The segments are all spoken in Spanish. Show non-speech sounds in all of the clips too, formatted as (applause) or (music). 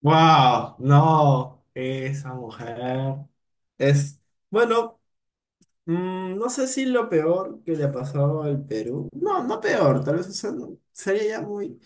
Wow, no, esa mujer es, bueno, no sé si lo peor que le ha pasado al Perú, no, no peor, tal vez o sea, sería ya muy,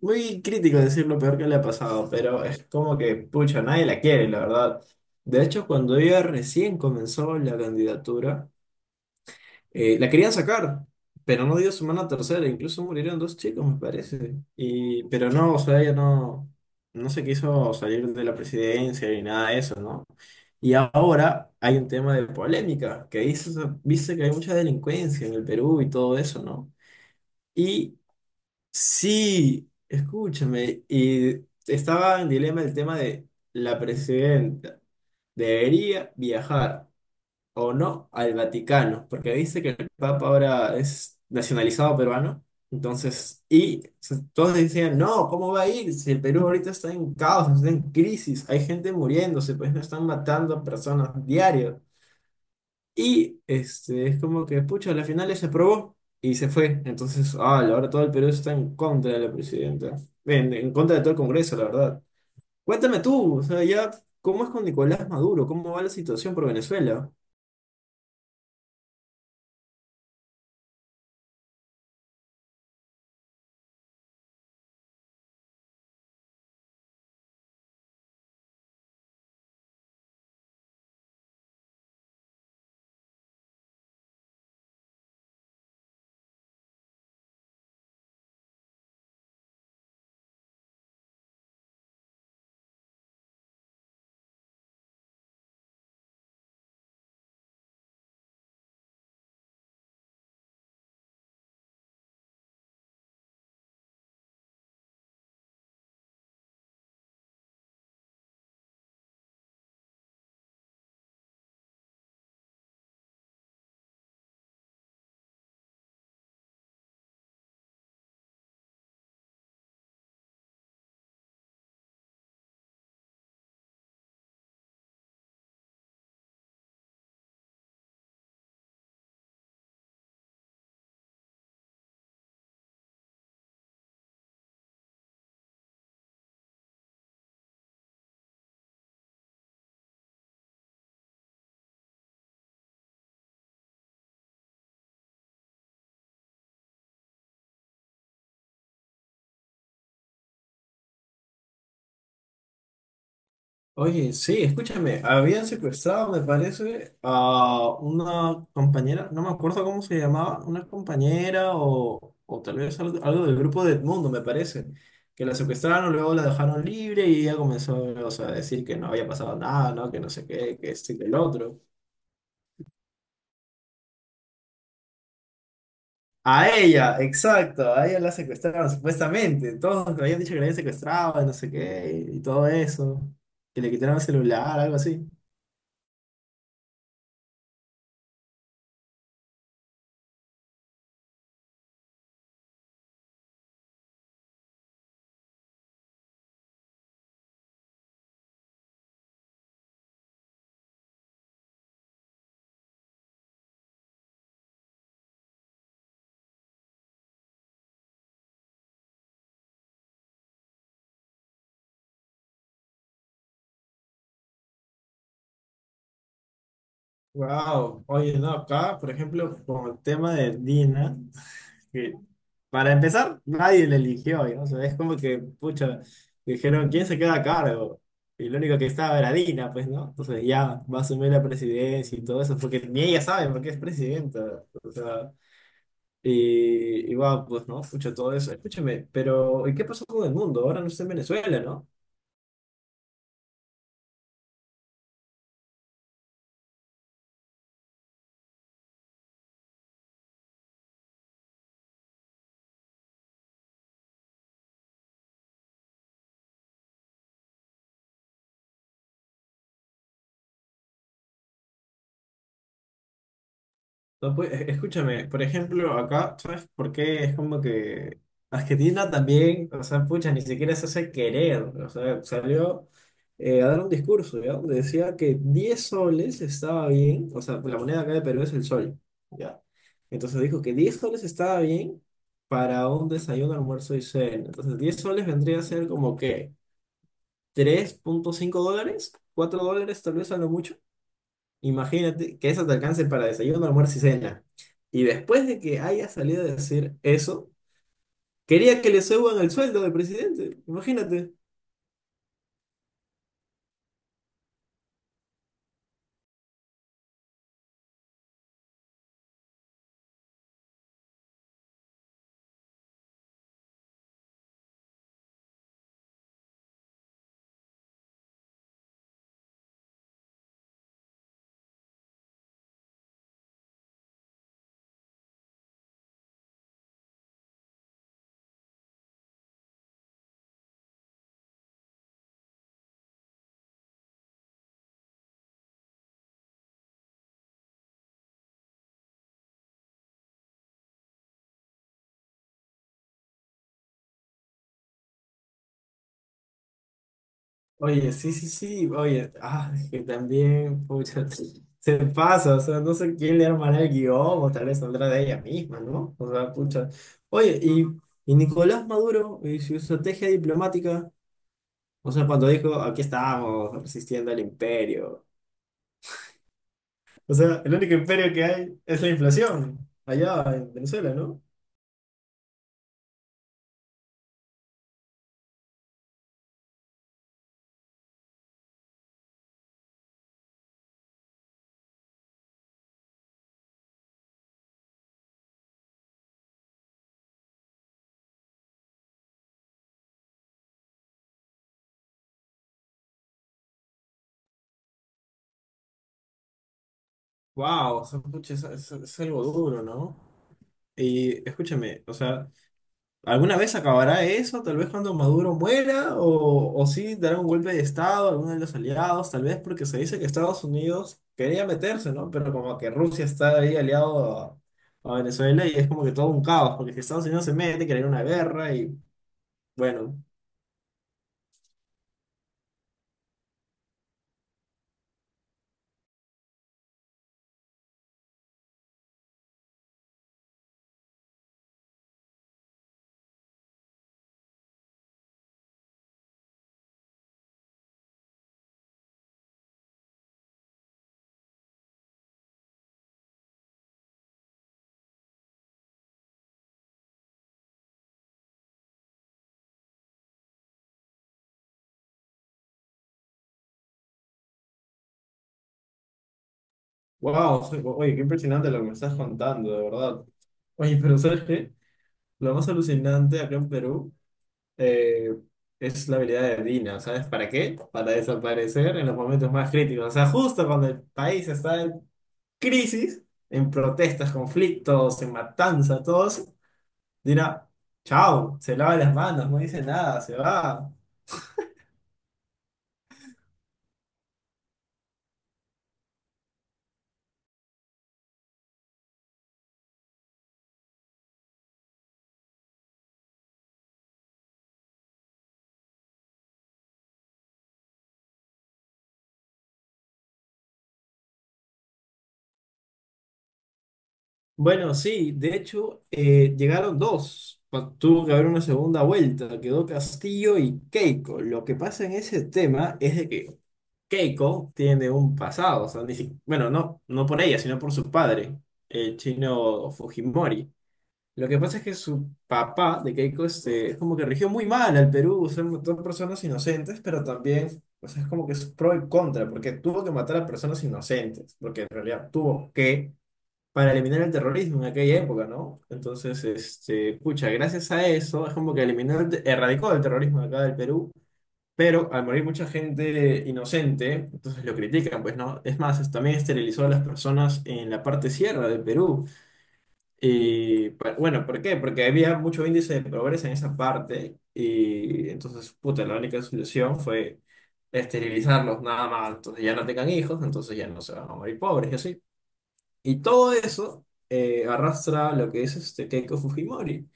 muy crítico decir lo peor que le ha pasado, pero es como que, pucha, nadie la quiere, la verdad. De hecho, cuando ella recién comenzó la candidatura, la querían sacar, pero no dio su semana tercera, incluso murieron dos chicos, me parece. Y, pero no, o sea, ella no se quiso salir de la presidencia ni nada de eso, ¿no? Y ahora hay un tema de polémica, que dice que hay mucha delincuencia en el Perú y todo eso, ¿no? Y sí, escúchame, y estaba en dilema el tema de la presidenta, ¿debería viajar o no al Vaticano? Porque dice que el Papa ahora es nacionalizado peruano. Entonces, todos decían, no, ¿cómo va a ir? Si el Perú ahorita está en caos, está en crisis, hay gente muriéndose, pues no están matando a personas diario. Y este, es como que, pucha, a la final se aprobó y se fue. Entonces, ah, ahora todo el Perú está en contra de la presidenta, en contra de todo el Congreso, la verdad. Cuéntame tú, o sea, ya, ¿cómo es con Nicolás Maduro? ¿Cómo va la situación por Venezuela? Oye, sí, escúchame, habían secuestrado, me parece, a una compañera, no me acuerdo cómo se llamaba, una compañera o tal vez algo del grupo de Edmundo, me parece, que la secuestraron, luego la dejaron libre y ella comenzó, o sea, a decir que no había pasado nada, ¿no? Que no sé qué, que esto y que el otro. A ella, exacto, a ella la secuestraron, supuestamente, todos le habían dicho que la habían secuestrado, y no sé qué, y todo eso, que le quitaron el celular, algo así. Wow, oye, no, acá, por ejemplo, con el tema de Dina, que para empezar, nadie le eligió, ¿no? O sea, es como que, pucha, dijeron, ¿quién se queda a cargo? Y lo único que estaba era Dina, pues, ¿no? Entonces ya va a asumir la presidencia y todo eso, porque ni ella sabe por qué es presidenta, o sea, y wow, pues, ¿no? Pucha, todo eso, escúchame, pero, ¿y qué pasó con el mundo? Ahora no está en Venezuela, ¿no? No, pues, escúchame, por ejemplo, acá, ¿sabes por qué? Es como que Argentina también, o sea, pucha, ni siquiera se hace querer, o sea, salió a dar un discurso, ¿ya? Donde decía que 10 soles estaba bien, o sea, la moneda acá de Perú es el sol, ¿ya? Entonces dijo que 10 soles estaba bien para un desayuno, almuerzo y cena. Entonces 10 soles vendría a ser como que $3.5, $4 tal vez a lo mucho. Imagínate que eso te alcance para desayuno, almuerzo y cena. Y después de que haya salido a decir eso, quería que le suban el sueldo del presidente. Imagínate. Oye, sí, sí, sí, oye, ah, que también, pucha, se pasa, o sea, no sé quién le armará el guión, o tal vez saldrá de ella misma, ¿no? O sea, pucha. Oye, y Nicolás Maduro y su estrategia diplomática, o sea, cuando dijo, aquí estamos, resistiendo al imperio. O sea, el único imperio que hay es la inflación, allá en Venezuela, ¿no? Wow, o sea, pucha, es algo duro, ¿no? Y escúchame, o sea, ¿alguna vez acabará eso? Tal vez cuando Maduro muera, o sí dará un golpe de Estado a alguno de los aliados, tal vez porque se dice que Estados Unidos quería meterse, ¿no? Pero como que Rusia está ahí aliado a Venezuela y es como que todo un caos, porque si Estados Unidos se mete, querer una guerra y bueno. Wow, oye, qué impresionante lo que me estás contando, de verdad. Oye, pero ¿sabes qué? Lo más alucinante acá en Perú eh, es la habilidad de Dina, ¿sabes para qué? Para desaparecer en los momentos más críticos. O sea, justo cuando el país está en crisis, en protestas, conflictos, en matanza, todos, Dina, chao, se lava las manos, no dice nada, se va. Bueno, sí, de hecho, llegaron dos. Pa- Tuvo que haber una segunda vuelta. Quedó Castillo y Keiko. Lo que pasa en ese tema es de que Keiko tiene un pasado. O sea, ni si- bueno, no, no por ella, sino por su padre, el chino Fujimori. Lo que pasa es que su papá de Keiko este, es como que rigió muy mal al Perú. Son personas inocentes, pero también, o sea, es como que es pro y contra, porque tuvo que matar a personas inocentes, porque en realidad tuvo que para eliminar el terrorismo en aquella época, ¿no? Entonces, este, pucha, gracias a eso es como que eliminó, erradicó el terrorismo de acá del Perú, pero al morir mucha gente inocente, entonces lo critican, pues, ¿no? Es más, también esterilizó a las personas en la parte sierra del Perú. Y, bueno, ¿por qué? Porque había mucho índice de pobreza en esa parte y entonces, puta, la única solución fue esterilizarlos nada más, entonces ya no tengan hijos, entonces ya no se van a morir pobres y así. Y todo eso arrastra lo que es este Keiko Fujimori.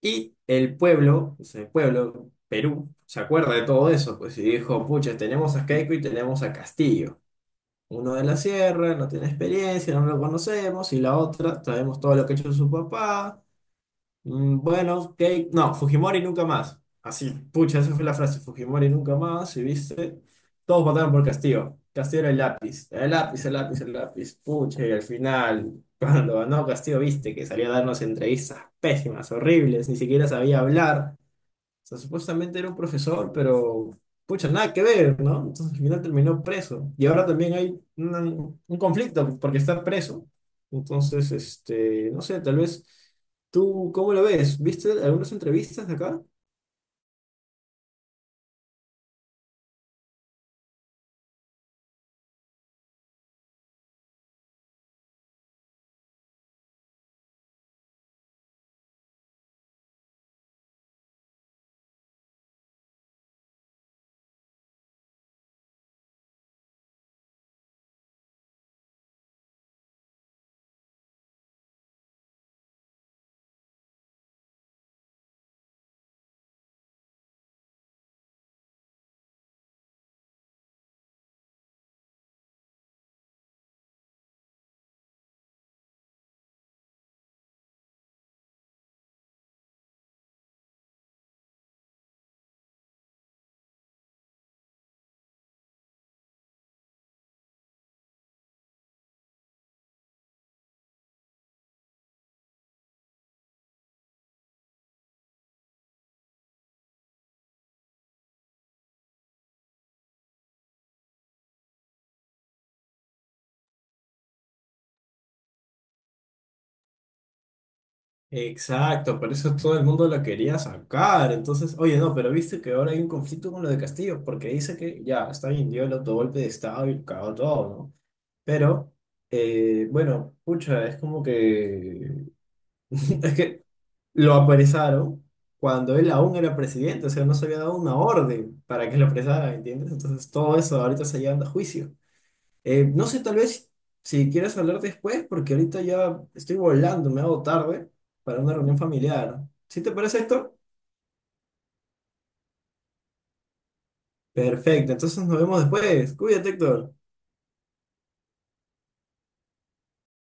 Y el pueblo, pues el pueblo, Perú, se acuerda de todo eso, pues, y dijo, pucha, tenemos a Keiko y tenemos a Castillo. Uno de la sierra, no tiene experiencia, no lo conocemos, y la otra, sabemos todo lo que ha hecho su papá, mm, bueno, ok. No, Fujimori nunca más. Así, pucha, esa fue la frase. Fujimori nunca más, y viste. Todos votaron por Castillo. Castillo era el lápiz. El lápiz, el lápiz, el lápiz. Pucha, y al final, (laughs) cuando ganó Castillo, viste que salió a darnos entrevistas pésimas, horribles, ni siquiera sabía hablar sea, supuestamente era un profesor, pero pucha, nada que ver, ¿no? Entonces al final terminó preso. Y ahora también hay un conflicto porque está preso. Entonces, este, no sé, tal vez tú, ¿cómo lo ves? ¿Viste algunas entrevistas de acá? Exacto, por eso todo el mundo la quería sacar. Entonces, oye, no, pero viste que ahora hay un conflicto con lo de Castillo, porque dice que ya, está bien, dio el autogolpe de Estado y cagó todo, ¿no? Pero, bueno, pucha, es como que. (laughs) Es que lo apresaron cuando él aún era presidente, o sea, no se había dado una orden para que lo apresaran, ¿entiendes? Entonces todo eso ahorita está llevando a juicio. No sé, tal vez si quieres hablar después, porque ahorita ya estoy volando, me hago tarde para una reunión familiar. ¿Sí te parece, Héctor? Perfecto, entonces nos vemos después. Cuídate, Héctor.